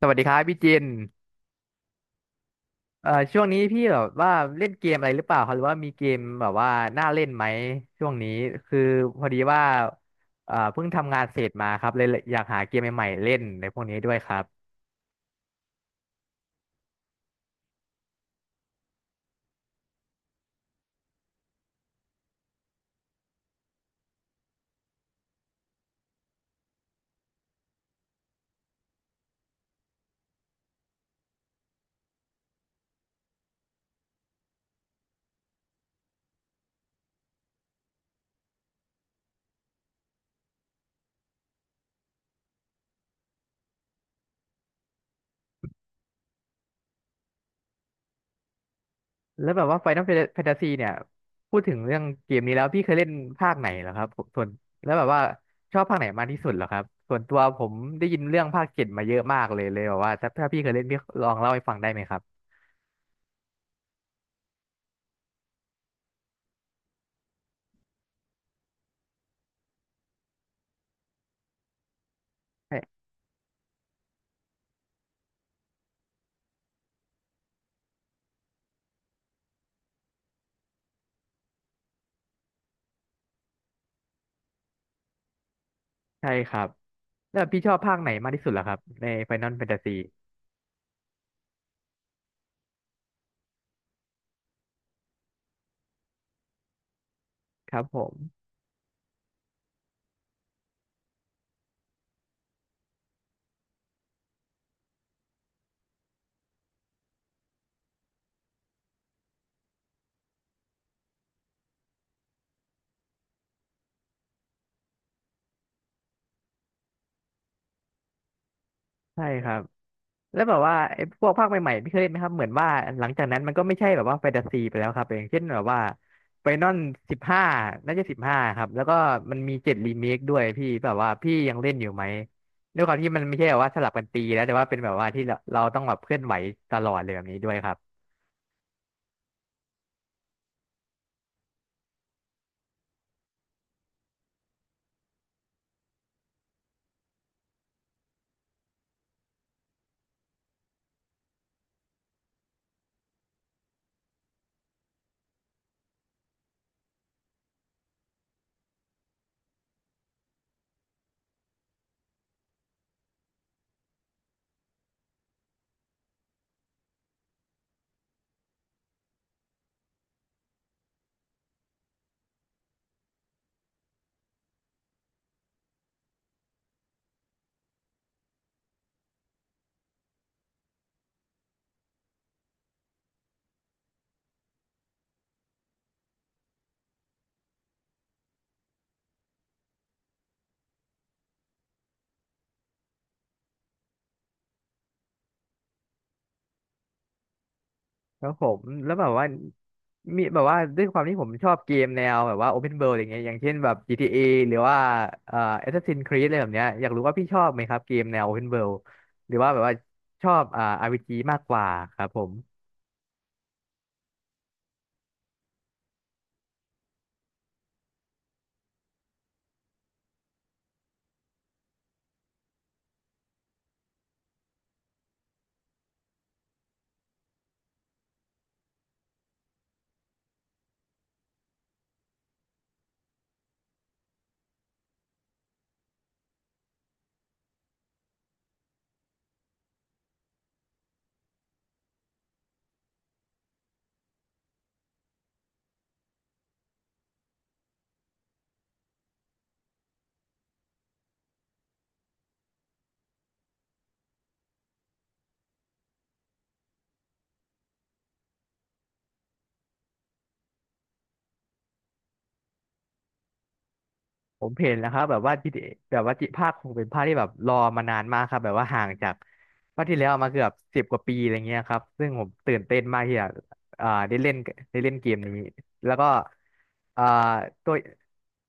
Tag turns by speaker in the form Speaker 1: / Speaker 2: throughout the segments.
Speaker 1: สวัสดีครับพี่เจนช่วงนี้พี่แบบว่าเล่นเกมอะไรหรือเปล่าครับหรือว่ามีเกมแบบว่าน่าเล่นไหมช่วงนี้คือพอดีว่าเพิ่งทำงานเสร็จมาครับเลยอยากหาเกมใหม่ๆเล่นในพวกนี้ด้วยครับแล้วแบบว่า Final Fantasy เนี่ยพูดถึงเรื่องเกมนี้แล้วพี่เคยเล่นภาคไหนเหรอครับส่วนแล้วแบบว่าชอบภาคไหนมากที่สุดเหรอครับส่วนตัวผมได้ยินเรื่องภาคเจ็ดมาเยอะมากเลยเลยแบบว่าถ้าพี่เคยเล่นพี่ลองเล่าให้ฟังได้ไหมครับ ใช่ครับแล้วพี่ชอบภาคไหนมากที่สุดล่ะครับใน Final Fantasy ครับผมใช่ครับแล้วแบบว่าไอ้พวกภาคใหม่ๆพี่เคยเล่นไหมครับเหมือนว่าหลังจากนั้นมันก็ไม่ใช่แบบว่าแฟนตาซีไปแล้วครับอย่างเช่นแบบว่าไฟนอลสิบห้าน่าจะสิบห้าครับแล้วก็มันมีเจ็ดรีเมคด้วยพี่แบบว่าพี่ยังเล่นอยู่ไหมด้วยความที่มันไม่ใช่แบบว่าสลับกันตีแล้วแต่ว่าเป็นแบบว่าที่เราต้องแบบเคลื่อนไหวตลอดเลยแบบนี้ด้วยครับ ครับผมแล้วแบบว่ามีแบบว่าด้วยความที่ผมชอบเกมแนวแบบว่า Open World อย่างเงี้ยอย่างเช่นแบบ GTA หรือว่าเอ่อ Assassin's Creed อะไรแบบเนี้ยอยากรู้ว่าพี่ชอบไหมครับเกมแนว Open World หรือว่าแบบว่าชอบอ่า RPG มากกว่าครับผม ผมเห็นแล้วครับแบบว่าจิแบบว่าจิภาคคงเป็นภาคที่แบบรอมานานมากครับแบบว่าห่างจากภาคที่แล้วมาเกือบสิบกว่าปีอะไรเงี้ยครับซึ่งผมตื่นเต้นมากที่จะได้เล่นได้เล่นเกมนี้แล้วก็อ่าตัว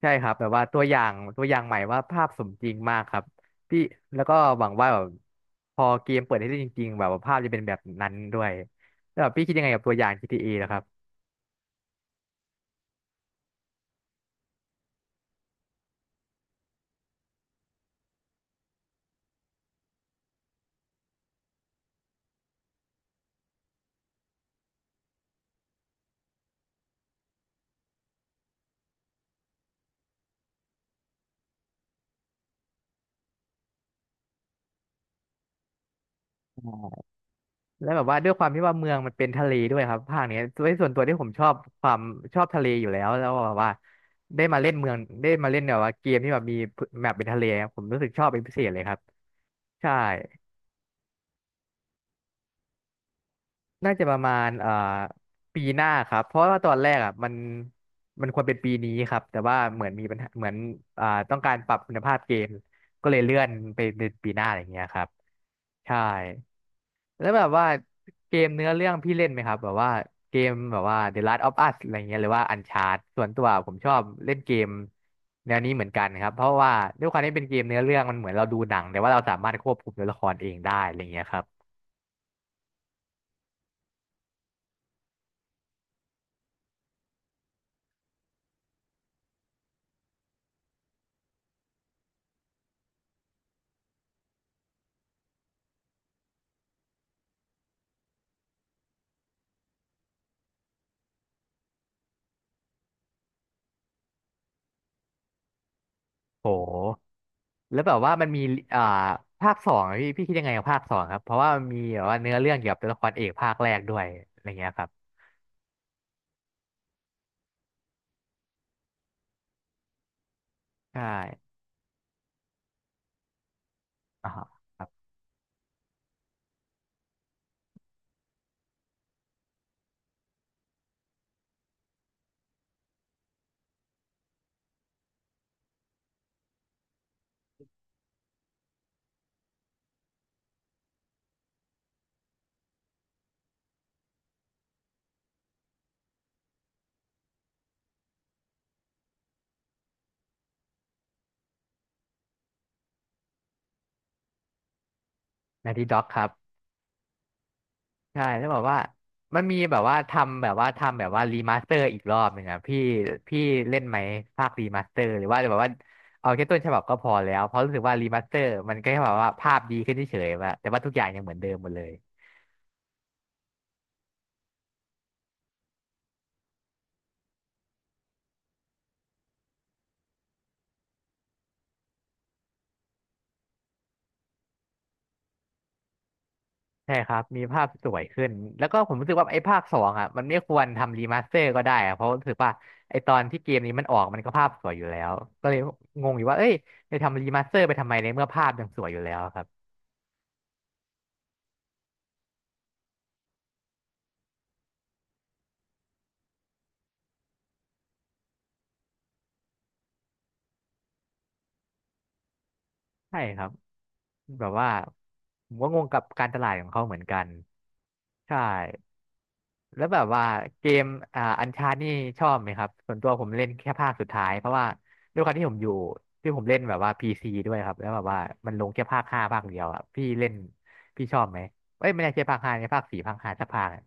Speaker 1: ใช่ครับแบบว่าตัวอย่างตัวอย่างใหม่ว่าภาพสมจริงมากครับพี่แล้วก็หวังว่าแบบพอเกมเปิดให้เล่นจริงๆแบบว่าภาพจะเป็นแบบนั้นด้วยแล้วแบบพี่คิดยังไงกับตัวอย่าง GTA นะครับ แล้วแบบว่าด้วยความที่ว่าเมืองมันเป็นทะเลด้วยครับภาคเนี้ยด้วยส่วนตัวที่ผมชอบความชอบทะเลอยู่แล้วแล้วแบบว่าได้มาเล่นเมืองได้มาเล่นแบบว่าเกมที่แบบมีแมปเป็นทะเลครับผมรู้สึกชอบเป็นพิเศษเลยครับใช่น่าจะประมาณปีหน้าครับเพราะว่าตอนแรกอ่ะมันมันควรเป็นปีนี้ครับแต่ว่าเหมือนมีปัญหาเหมือนต้องการปรับคุณภาพเกมก็เลยเลื่อนไปเป็นปีหน้าอะไรอย่างเงี้ยครับใช่ แล้วแบบว่าเกมเนื้อเรื่องพี่เล่นไหมครับแบบว่าเกมแบบว่า The Last of Us อะไรเงี้ยหรือว่า Uncharted ส่วนตัวผมชอบเล่นเกมแนวนี้เหมือนกันครับเพราะว่าด้วยความที่เป็นเกมเนื้อเรื่องมันเหมือนเราดูหนังแต่ว่าเราสามารถควบคุมตัวละครเองได้อะไรเงี้ยครับโหแล้วแบบว่ามันมีอ่าภาคสองอะพี่คิดยังไงกับภาคสองครับเพราะว่ามันมีแบบว่าเนื้อเรื่องเกี่ยวกับตัวละครเอกภาคแรกด้วยอะไรเงี้ยครับใช่อ่าฮะครับนาทีด็อกครับ ใช่แล้วบอกว่ามันมีแบบว่าทำแบบว่าทำแบบว่ารีมาสเตอร์อีกรอบหนึ่งอะพี่พี่เล่นไหมภาครีมาสเตอร์หรือว่าแบบว่าเอาแค่ต้นฉบับก็พอแล้วเพราะรู้สึกว่ารีมาสเตอร์มันก็แค่แบบว่าภาพดีขึ้นเฉยๆว่าแต่ว่าทุกอย่างยังเหมือนเดิมหมดเลยใช่ครับมีภาพสวยขึ้นแล้วก็ผมรู้สึกว่าไอ้ภาคสองอะมันไม่ควรทำรีมาสเตอร์ก็ได้อะเพราะรู้สึกว่าไอ้ตอนที่เกมนี้มันออกมันก็ภาพสวยอยู่แล้วก็เลยงงอยู่ว่าเอ้ยจะทำรีมาสเตอร์ไปทำไมในเมื่อภาพยังสวยอยู่แล้วครับ ใช่ครับแบบว่าผมก็งงกับการตลาดของเขาเหมือนกันใช่แล้วแบบว่าเกมอ่าอันชาร์นี่ชอบไหมครับส่วนตัวผมเล่นแค่ภาคสุดท้ายเพราะว่าด้วยความที่ผมอยู่ที่ผมเล่นแบบว่าพีซีด้วยครับแล้วแบบว่ามันลงแค่ภาคห้าภาคเดียวอ่ะพี่เล่นพี่ชอบไหมเอ้ยไม่ได้ใช่ภาคห้าในภาคสี่ภาคห้าสักภาคอะ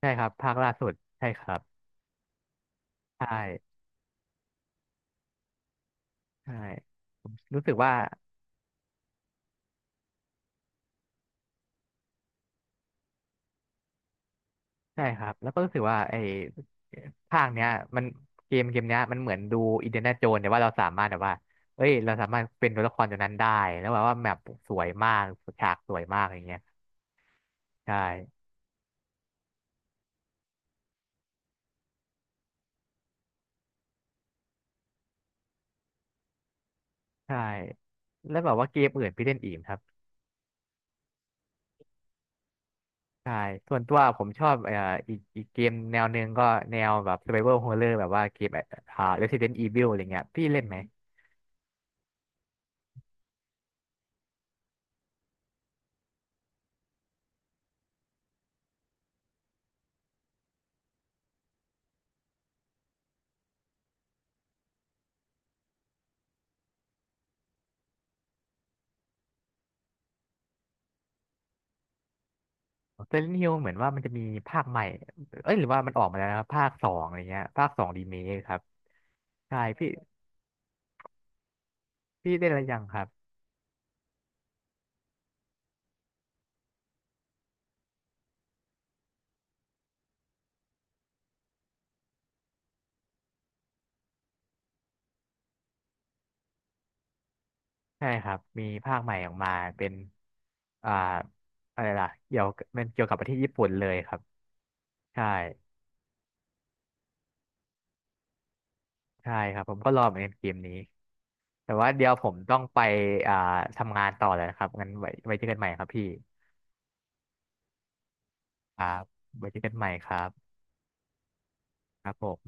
Speaker 1: ใช่ครับภาคล่าสุดใช่ครับใช่ใช่ผมรู้สึกว่า ใช่ครับ แล้วก็รู้สึกว่าไอ้ภาคเนี้ยมันเกมเนี้ยมันเหมือนดูอินเดียนาโจนแต่ว่าเราสามารถแบบว่าเอ้ยเราสามารถเป็นตัวละครตัวนั้นได้แล้วแบบว่าแมปสวยมากฉากสวยมากอย่างเงี้ยใช่ใช่แล้วแบบว่าเกมอื่นพี่เล่นอีกไหมครับใช่ส่วนตัวผมชอบอีกเกมแนวหนึ่งก็แนวแบบ Survival Horror แบบว่าเกมอ่า Resident Evil อะไรเงี้ยพี่เล่นไหม Silent Hill เหมือนว่ามันจะมีภาคใหม่เอ้ยหรือว่ามันออกมาแล้วนะครับภาคสองอะไรเงี้ยภาคสองรีเมคครับใช่พี่ พี่ได้แล้วยังครับใช่ครับมีภาคใหม่ออกมาเป็นอ่าอะไรล่ะเกี่ยวกับมันเกี่ยวกับประเทศญี่ปุ่นเลยครับใช่ใช่ครับผมก็รอเหมือนกันเกมนี้แต่ว่าเดี๋ยวผมต้องไปอ่าทำงานต่อแล้วนะครับงั้นไว้ไว้เจอกันใหม่ครับพี่ครับไว้เจอกันใหม่ครับครับผม